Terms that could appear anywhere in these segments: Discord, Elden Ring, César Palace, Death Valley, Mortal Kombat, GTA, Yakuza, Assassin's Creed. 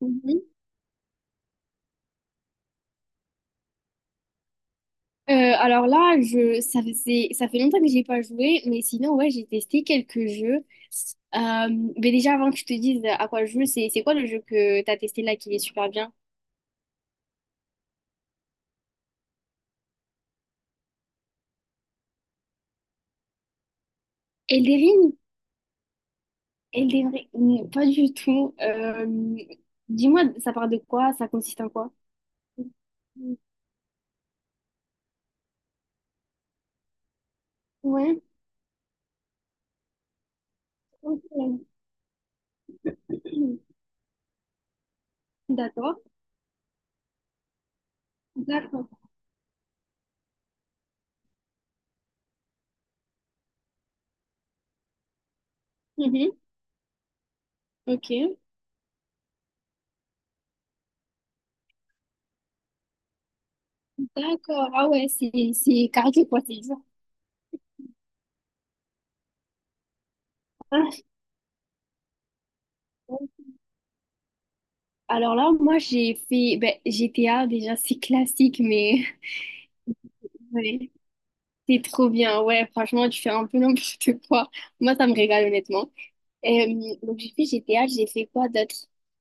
Mhm. Alors là, ça fait longtemps que j'ai pas joué, mais sinon, ouais, j'ai testé quelques jeux. Euh, mais déjà, avant que je te dise à quoi je joue, c'est quoi le jeu que t'as testé là qui est super bien? Elden Ring? Elden Ring? Non, pas du tout. Dis-moi, ça parle de quoi? Ça consiste en quoi? Ouais, ok. D'accord. D'accord. Mhm. Ok. D'accord. Ah ouais, c'est carré, quoi, c'est dur. Alors là, moi, j'ai fait ben, GTA, déjà, c'est classique, mais ouais, c'est trop bien. Ouais, franchement, tu fais un peu n'importe quoi. Moi, ça me régale, honnêtement. Donc, j'ai fait GTA, j'ai fait quoi d'autre?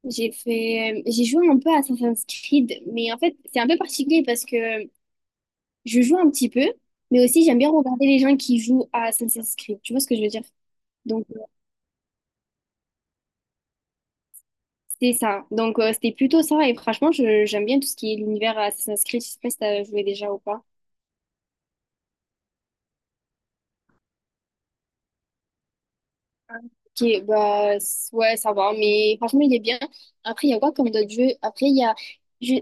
J'ai joué un peu à Assassin's Creed, mais en fait, c'est un peu particulier parce que je joue un petit peu, mais aussi, j'aime bien regarder les gens qui jouent à Assassin's Creed. Tu vois ce que je veux dire? Donc, c'est ça. Donc, c'était plutôt ça, et franchement, j'aime bien tout ce qui est l'univers Assassin's Creed. Je sais pas si t'as joué déjà ou pas. Ok, bah ouais, ça va, mais franchement, il est bien. Après, il y a quoi comme d'autres jeux? Après, il y a. Je,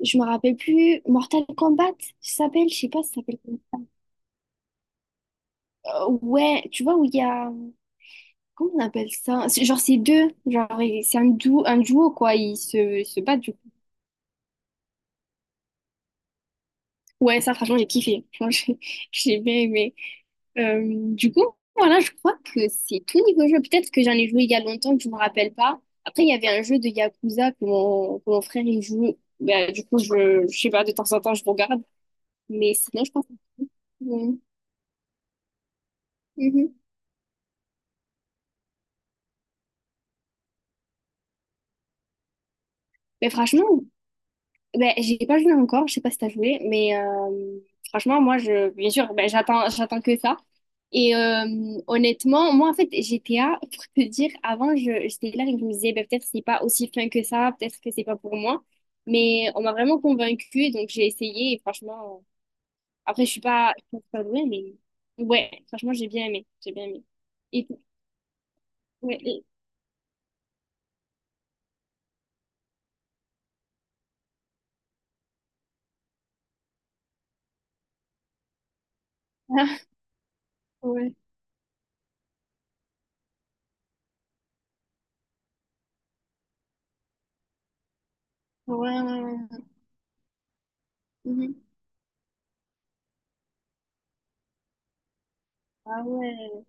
je me rappelle plus. Mortal Kombat, ça s'appelle? Je sais pas si ça s'appelle, comment. Ouais, tu vois, où il y a. Comment on appelle ça? Genre, c'est deux. Genre, et c'est un duo, quoi. Ils se battent, du Ouais, ça, franchement, j'ai kiffé. Franchement, j'ai j'ai bien aimé. Du coup, voilà, je crois que c'est tout niveau jeu. Peut-être que j'en ai joué il y a longtemps, que je me rappelle pas. Après, il y avait un jeu de Yakuza que mon frère, il joue. Bah, du coup, je sais pas, de temps en temps, je regarde. Mais sinon, je pense que... Mhm. Mhm. Mais franchement, ben, j'ai pas joué encore, je sais pas si t'as joué, mais franchement, moi, bien sûr, ben, j'attends que ça. Et honnêtement, moi, en fait, GTA, pour te dire, avant, j'étais là et je me disais, ben, peut-être c'est pas aussi fin que ça, peut-être que c'est pas pour moi. Mais on m'a vraiment convaincue, donc j'ai essayé, et franchement, après, je suis pas douée, mais ouais, franchement, j'ai bien aimé, j'ai bien aimé. Et, ouais, ouais, ouais, ouais. Ouais. Mhm. Ah ouais.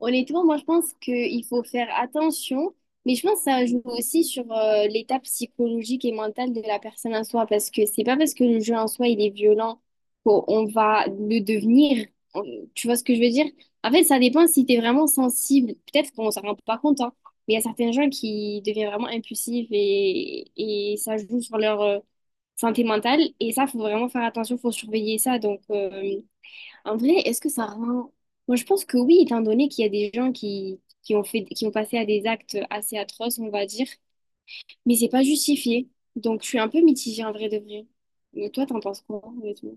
Honnêtement, moi, je pense qu'il faut faire attention, mais je pense que ça joue aussi sur l'état psychologique et mental de la personne en soi, parce que c'est pas parce que le jeu en soi, il est violent qu'on va le devenir. On- Tu vois ce que je veux dire? En fait, ça dépend si tu es vraiment sensible. Peut-être qu'on s'en rend pas compte, hein, mais il y a certains gens qui deviennent vraiment impulsifs et, ça joue sur leur santé mentale, et ça, faut vraiment faire attention, faut surveiller ça, donc... en vrai, est-ce que ça rend... Moi, je pense que oui, étant donné qu'il y a des gens qui ont passé à des actes assez atroces, on va dire, mais c'est pas justifié. Donc, je suis un peu mitigée en vrai de vrai. Mais toi, t'en penses quoi, honnêtement?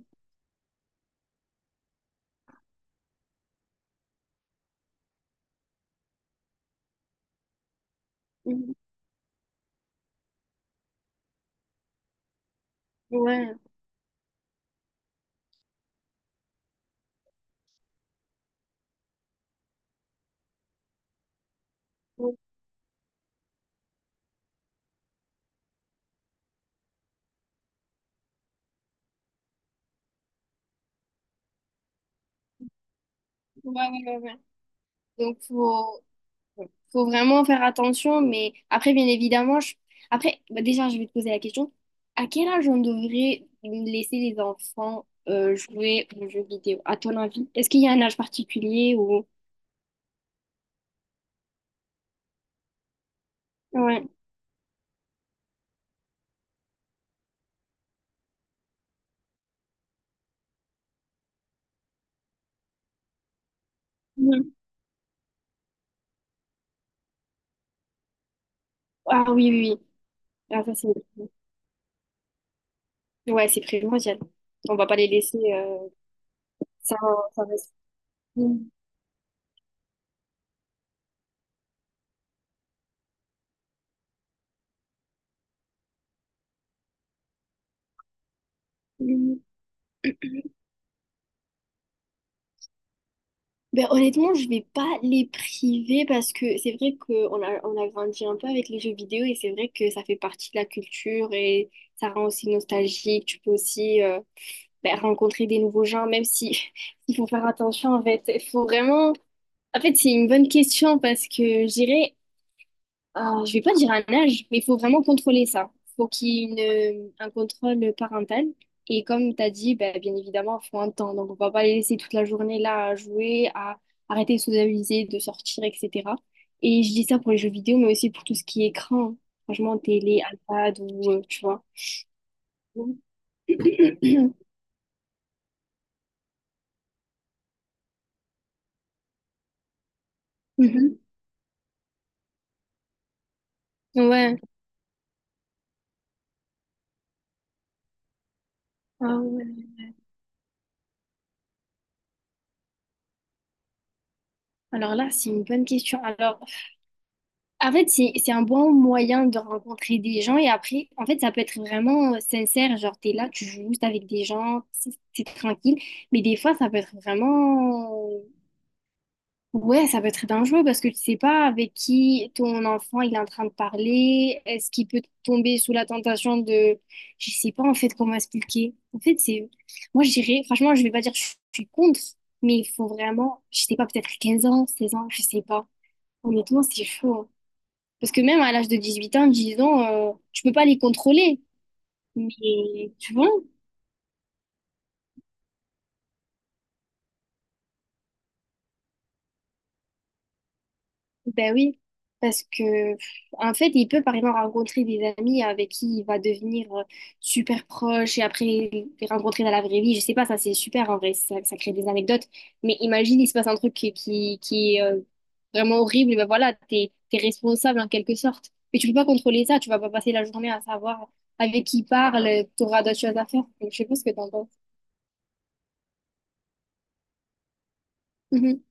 Mhm. Ouais, ouais, ouais, ouais, ouais. Donc, faut vraiment faire attention, mais après, bien évidemment, je... après, bah, déjà, je vais te poser la question, à quel âge on devrait laisser les enfants jouer aux jeux vidéo, à ton avis? Est-ce qu'il y a un âge particulier ou... Ouais. Mhm. Ah oui, oui, oui. Ah, ça, c'est... Ouais, c'est primordial. On va pas les laisser ça sans reste- Mhm. Mhm. Ben, honnêtement, je vais pas les priver parce que c'est vrai qu'on a grandi un peu avec les jeux vidéo et c'est vrai que ça fait partie de la culture et ça rend aussi nostalgique. Tu peux aussi ben, rencontrer des nouveaux gens, même si il faut faire attention en fait. Il faut vraiment... En fait, c'est une bonne question parce que je dirais. Je vais pas dire un âge, mais il faut vraiment contrôler ça. Il faut qu'il y ait un contrôle parental. Et comme tu as dit, ben, bien évidemment, il faut un temps. Donc, on va pas les laisser toute la journée là à jouer, à arrêter de socialiser, de sortir, etc. Et je dis ça pour les jeux vidéo, mais aussi pour tout ce qui est écran. Franchement, télé, iPad ou, tu vois. Mhm. Ouais. Ah ouais. Alors là, c'est une bonne question. Alors, en fait, c'est un bon moyen de rencontrer des gens et après, en fait, ça peut être vraiment sincère. Genre, t'es là, tu joues juste avec des gens, c'est tranquille. Mais des fois, ça peut être vraiment... Ouais, ça peut être dangereux parce que tu sais pas avec qui ton enfant il est en train de parler. Est-ce qu'il peut tomber sous la tentation de... Je sais pas en fait comment expliquer. En fait, c'est... Moi, je dirais... Franchement, je vais pas dire que je suis contre, mais il faut vraiment... Je sais pas, peut-être 15 ans, 16 ans, je sais pas. Honnêtement, c'est chaud, hein. Parce que même à l'âge de 18 ans, 10 ans, tu peux pas les contrôler. Mais tu vois, ben oui. Parce que, pff, en fait, il peut par exemple rencontrer des amis avec qui il va devenir super proche et après les rencontrer dans la vraie vie. Je sais pas, ça c'est super en vrai, ça crée des anecdotes. Mais imagine, il se passe un truc qui est vraiment horrible, et ben voilà, t'es responsable en quelque sorte. Mais tu peux pas contrôler ça, tu vas pas passer la journée à savoir avec qui il parle, t'auras d'autres choses à faire. Donc, je sais pas ce que t'en penses. Mhm.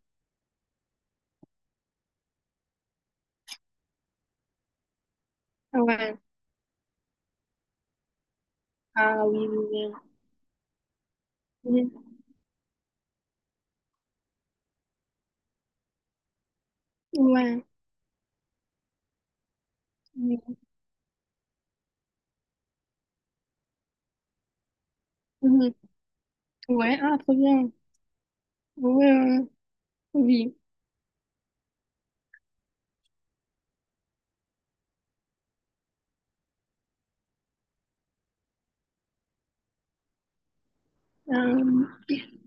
Ouais. Ah oui, oui, oui. Oui, ouais. Oui, mhm. Ouais, ah, trop bien. Ouais, ouais, ouais. Oui. Euh,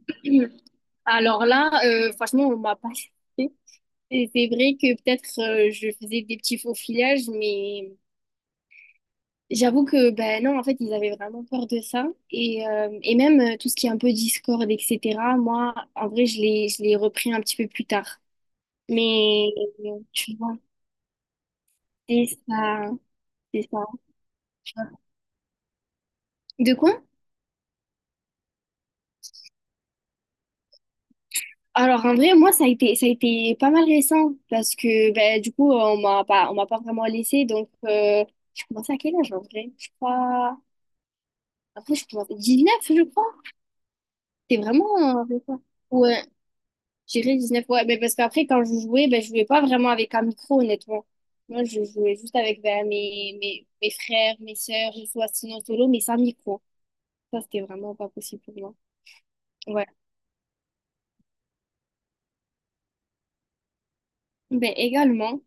alors là, franchement, on m'a pas fait. Et c'est vrai que peut-être je faisais des petits faux filages, mais j'avoue que, ben non, en fait, ils avaient vraiment peur de ça. Et même tout ce qui est un peu Discord, etc., moi, en vrai, je l'ai repris un petit peu plus tard. Mais tu vois, c'est ça, c'est ça. Tu vois. De quoi? Alors en vrai, moi ça a été pas mal récent parce que ben du coup on m'a pas vraiment laissé donc j'ai commencé à quel âge en vrai? Je crois après je commence neuf je crois. C'est vraiment récent. Ouais, j'irais 19 ouais mais parce qu'après quand je jouais ben je jouais pas vraiment avec un micro honnêtement. Moi je jouais juste avec ben, mes frères, mes sœurs, je jouais sinon solo mais sans micro. Ça c'était vraiment pas possible pour moi. Ouais. Ben également